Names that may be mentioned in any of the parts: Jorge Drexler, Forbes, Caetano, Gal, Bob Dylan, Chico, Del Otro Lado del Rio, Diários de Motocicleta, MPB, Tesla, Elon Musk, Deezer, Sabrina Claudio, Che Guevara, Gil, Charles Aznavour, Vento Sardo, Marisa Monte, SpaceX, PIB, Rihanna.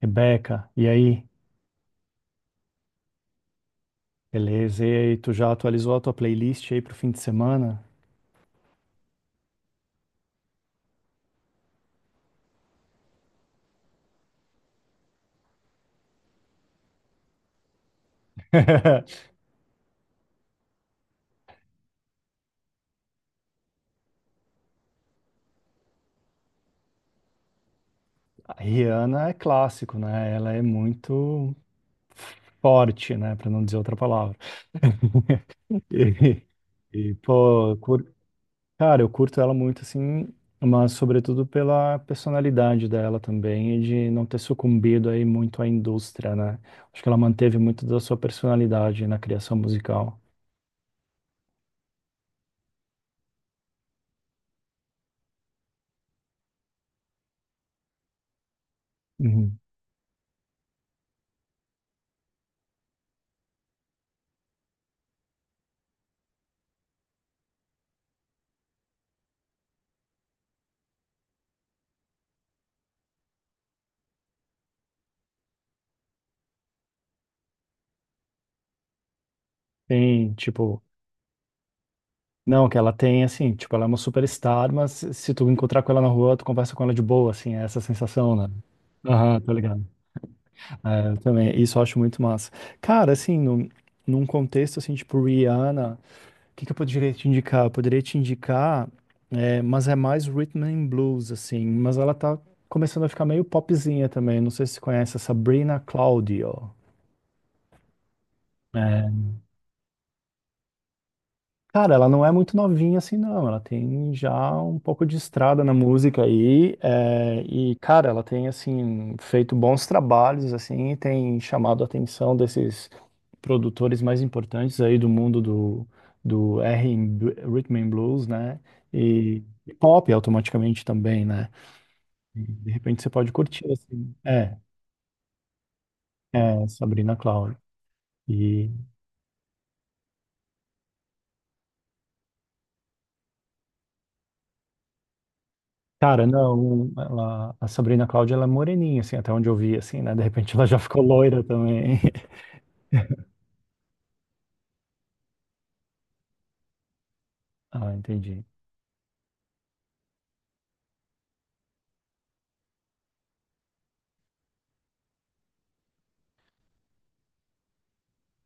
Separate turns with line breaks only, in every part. Rebeca, e aí? Beleza, e aí, tu já atualizou a tua playlist aí pro fim de semana? A Rihanna é clássico, né? Ela é muito forte, né? Pra não dizer outra palavra. E, e, pô, cara, eu curto ela muito, assim, mas sobretudo pela personalidade dela também e de não ter sucumbido aí muito à indústria, né? Acho que ela manteve muito da sua personalidade na criação musical. Uhum. Tem, tipo, Não, que ela tem, assim, tipo, ela é uma superstar, mas se tu encontrar com ela na rua, tu conversa com ela de boa, assim, é essa sensação, né? Aham, tá ligado. É, eu também, isso eu acho muito massa. Cara, assim, num contexto, assim, tipo, Rihanna, o que que eu poderia te indicar? Eu poderia te indicar, mas é mais rhythm and blues, assim, mas ela tá começando a ficar meio popzinha também, não sei se você conhece a Sabrina Claudio. Né? Cara, ela não é muito novinha assim, não. Ela tem já um pouco de estrada na música aí. Cara, ela tem, assim, feito bons trabalhos, assim, e tem chamado a atenção desses produtores mais importantes aí do mundo do, do R R&B, Rhythm and Blues, né? E pop automaticamente também, né? E, de repente você pode curtir, assim. Sabrina Claudio. Cara, não, ela, a Sabrina Cláudia, ela é moreninha, assim, até onde eu vi, assim, né? De repente ela já ficou loira também. Ah, entendi.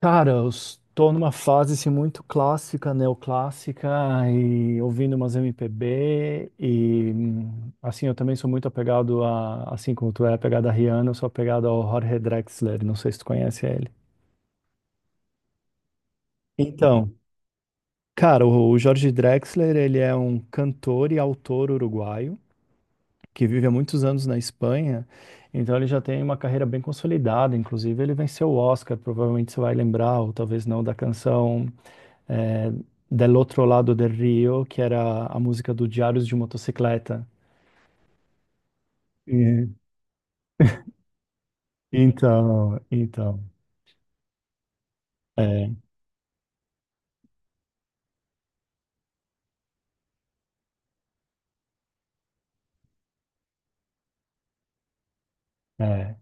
Cara, eu estou numa fase, assim, muito clássica, neoclássica, e ouvindo umas MPB, e, assim, eu também sou muito apegado a, assim como tu é apegado a Rihanna, eu sou apegado ao Jorge Drexler, não sei se tu conhece ele. Então, cara, o Jorge Drexler, ele é um cantor e autor uruguaio, que vive há muitos anos na Espanha, então ele já tem uma carreira bem consolidada, inclusive ele venceu o Oscar, provavelmente você vai lembrar, ou talvez não, da canção é, Del Otro Lado del Rio, que era a música do Diários de Motocicleta. E- então, é, é,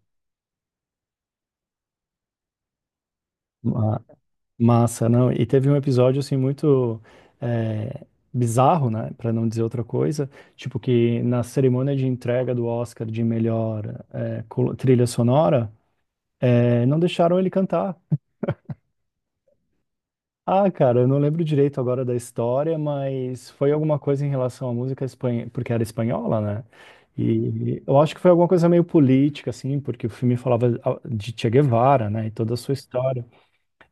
ma- massa, não? E teve um episódio, assim, muito... é, bizarro, né, para não dizer outra coisa, tipo que na cerimônia de entrega do Oscar de melhor trilha sonora. É, não deixaram ele cantar. Ah, cara, eu não lembro direito agora da história, mas foi alguma coisa em relação à música espanhola, porque era espanhola, né? E eu acho que foi alguma coisa meio política, assim, porque o filme falava ah, de Che Guevara, né, e toda a sua história.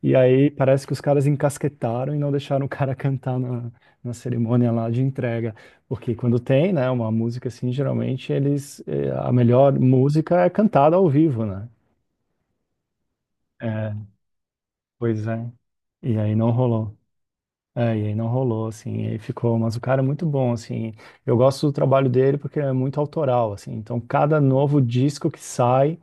E aí parece que os caras encasquetaram e não deixaram o cara cantar na, na cerimônia lá de entrega. Porque quando tem, né, uma música assim, geralmente eles, eh, a melhor música é cantada ao vivo, né? É, pois é. E aí não rolou. É, e aí não rolou, assim, e aí ficou, mas o cara é muito bom, assim, eu gosto do trabalho dele porque é muito autoral, assim, então cada novo disco que sai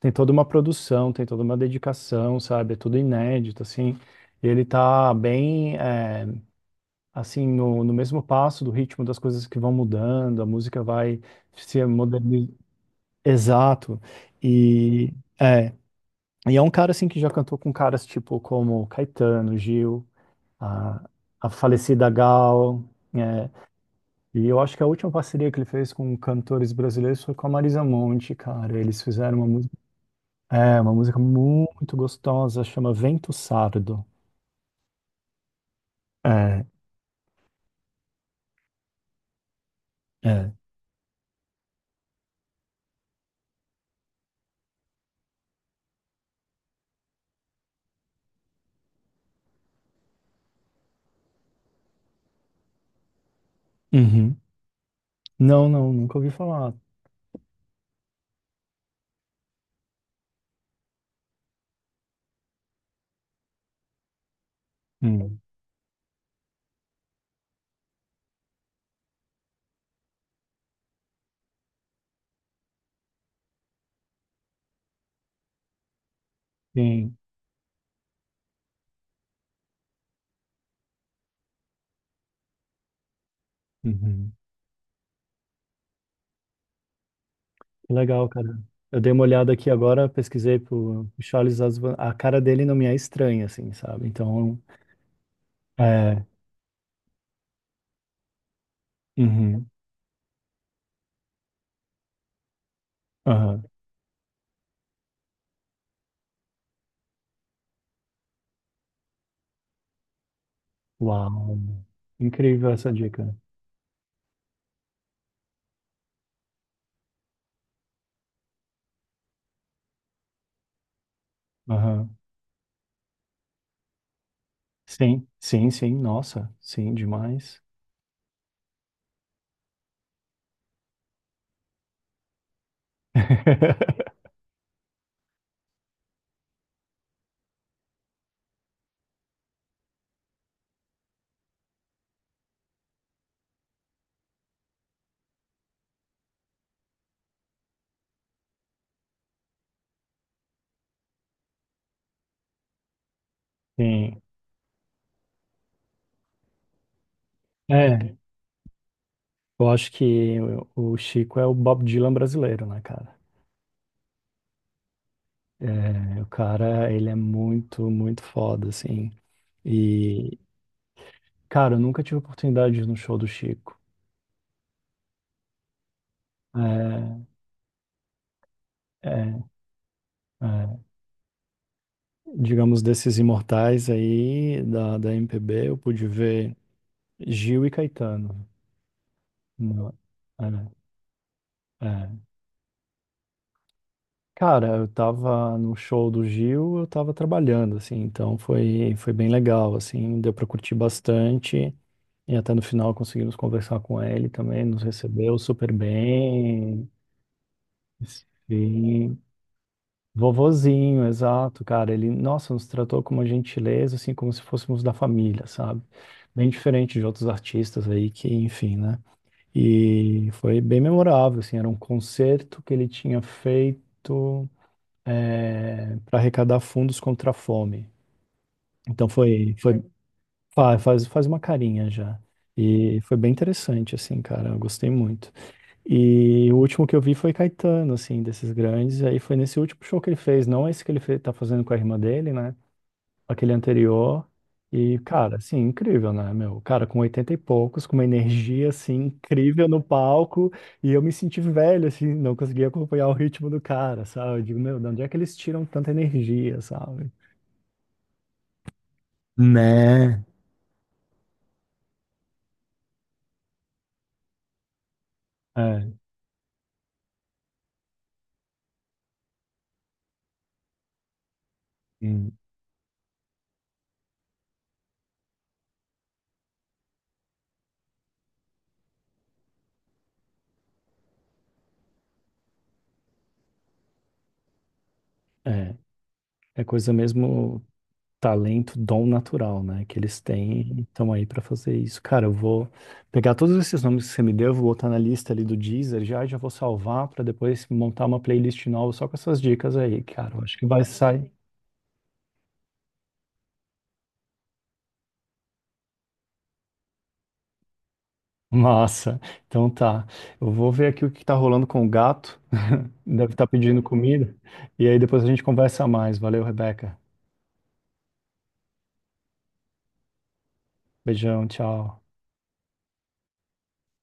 tem toda uma produção, tem toda uma dedicação, sabe, é tudo inédito, assim, e ele tá bem, assim, no mesmo passo do ritmo das coisas que vão mudando, a música vai se modernizando, exato, e é, é um cara, assim, que já cantou com caras tipo como Caetano, Gil, a, a falecida Gal. É. E eu acho que a última parceria que ele fez com cantores brasileiros foi com a Marisa Monte, cara. Eles fizeram uma música muito gostosa, chama Vento Sardo. É, é. Uhum. Não, não, nunca ouvi falar. Hum. Sim. Uhum. Que legal, cara. Eu dei uma olhada aqui agora, pesquisei pro Charles Aznavour. A cara dele não me é estranha, assim, sabe? Então, é. Uhum. Aham. Uau. Incrível essa dica. Sim, sim, sim, nossa, sim, demais. Sim. É, eu acho que o Chico é o Bob Dylan brasileiro, né, cara? É, o cara, ele é muito, muito foda, assim. E, cara, eu nunca tive oportunidade de ir no show do Chico. É, é, é. Digamos, desses imortais aí da, da MPB, eu pude ver Gil e Caetano. Não. é, é. Cara, eu tava no show do Gil, eu tava trabalhando, assim, então foi bem legal, assim, deu pra curtir bastante, e até no final conseguimos conversar com ele também, nos recebeu super bem, sim, vovozinho, exato, cara, ele, nossa, nos tratou com uma gentileza, assim, como se fôssemos da família, sabe? Bem diferente de outros artistas aí que, enfim, né? E foi bem memorável, assim, era um concerto que ele tinha feito para arrecadar fundos contra a fome. Então foi, foi faz uma carinha já. E foi bem interessante, assim, cara, eu gostei muito. E o último que eu vi foi Caetano, assim, desses grandes, e aí foi nesse último show que ele fez, não esse que ele tá fazendo com a irmã dele, né? Aquele anterior. E, cara, assim, incrível, né, meu? Cara, com 80 e poucos, com uma energia, assim, incrível no palco, e eu me senti velho, assim, não conseguia acompanhar o ritmo do cara, sabe? Eu digo, meu, de onde é que eles tiram tanta energia, sabe? Né? É, hum, é, é, coisa mesmo, talento, dom natural, né? Que eles têm, e estão aí para fazer isso. Cara, eu vou pegar todos esses nomes que você me deu, vou botar na lista ali do Deezer já, e já vou salvar para depois montar uma playlist nova só com essas dicas aí, cara. Eu acho que vai sair. Massa. Então tá. Eu vou ver aqui o que tá rolando com o gato. Deve estar pedindo comida. E aí depois a gente conversa mais. Valeu, Rebeca. Beijão, tchau.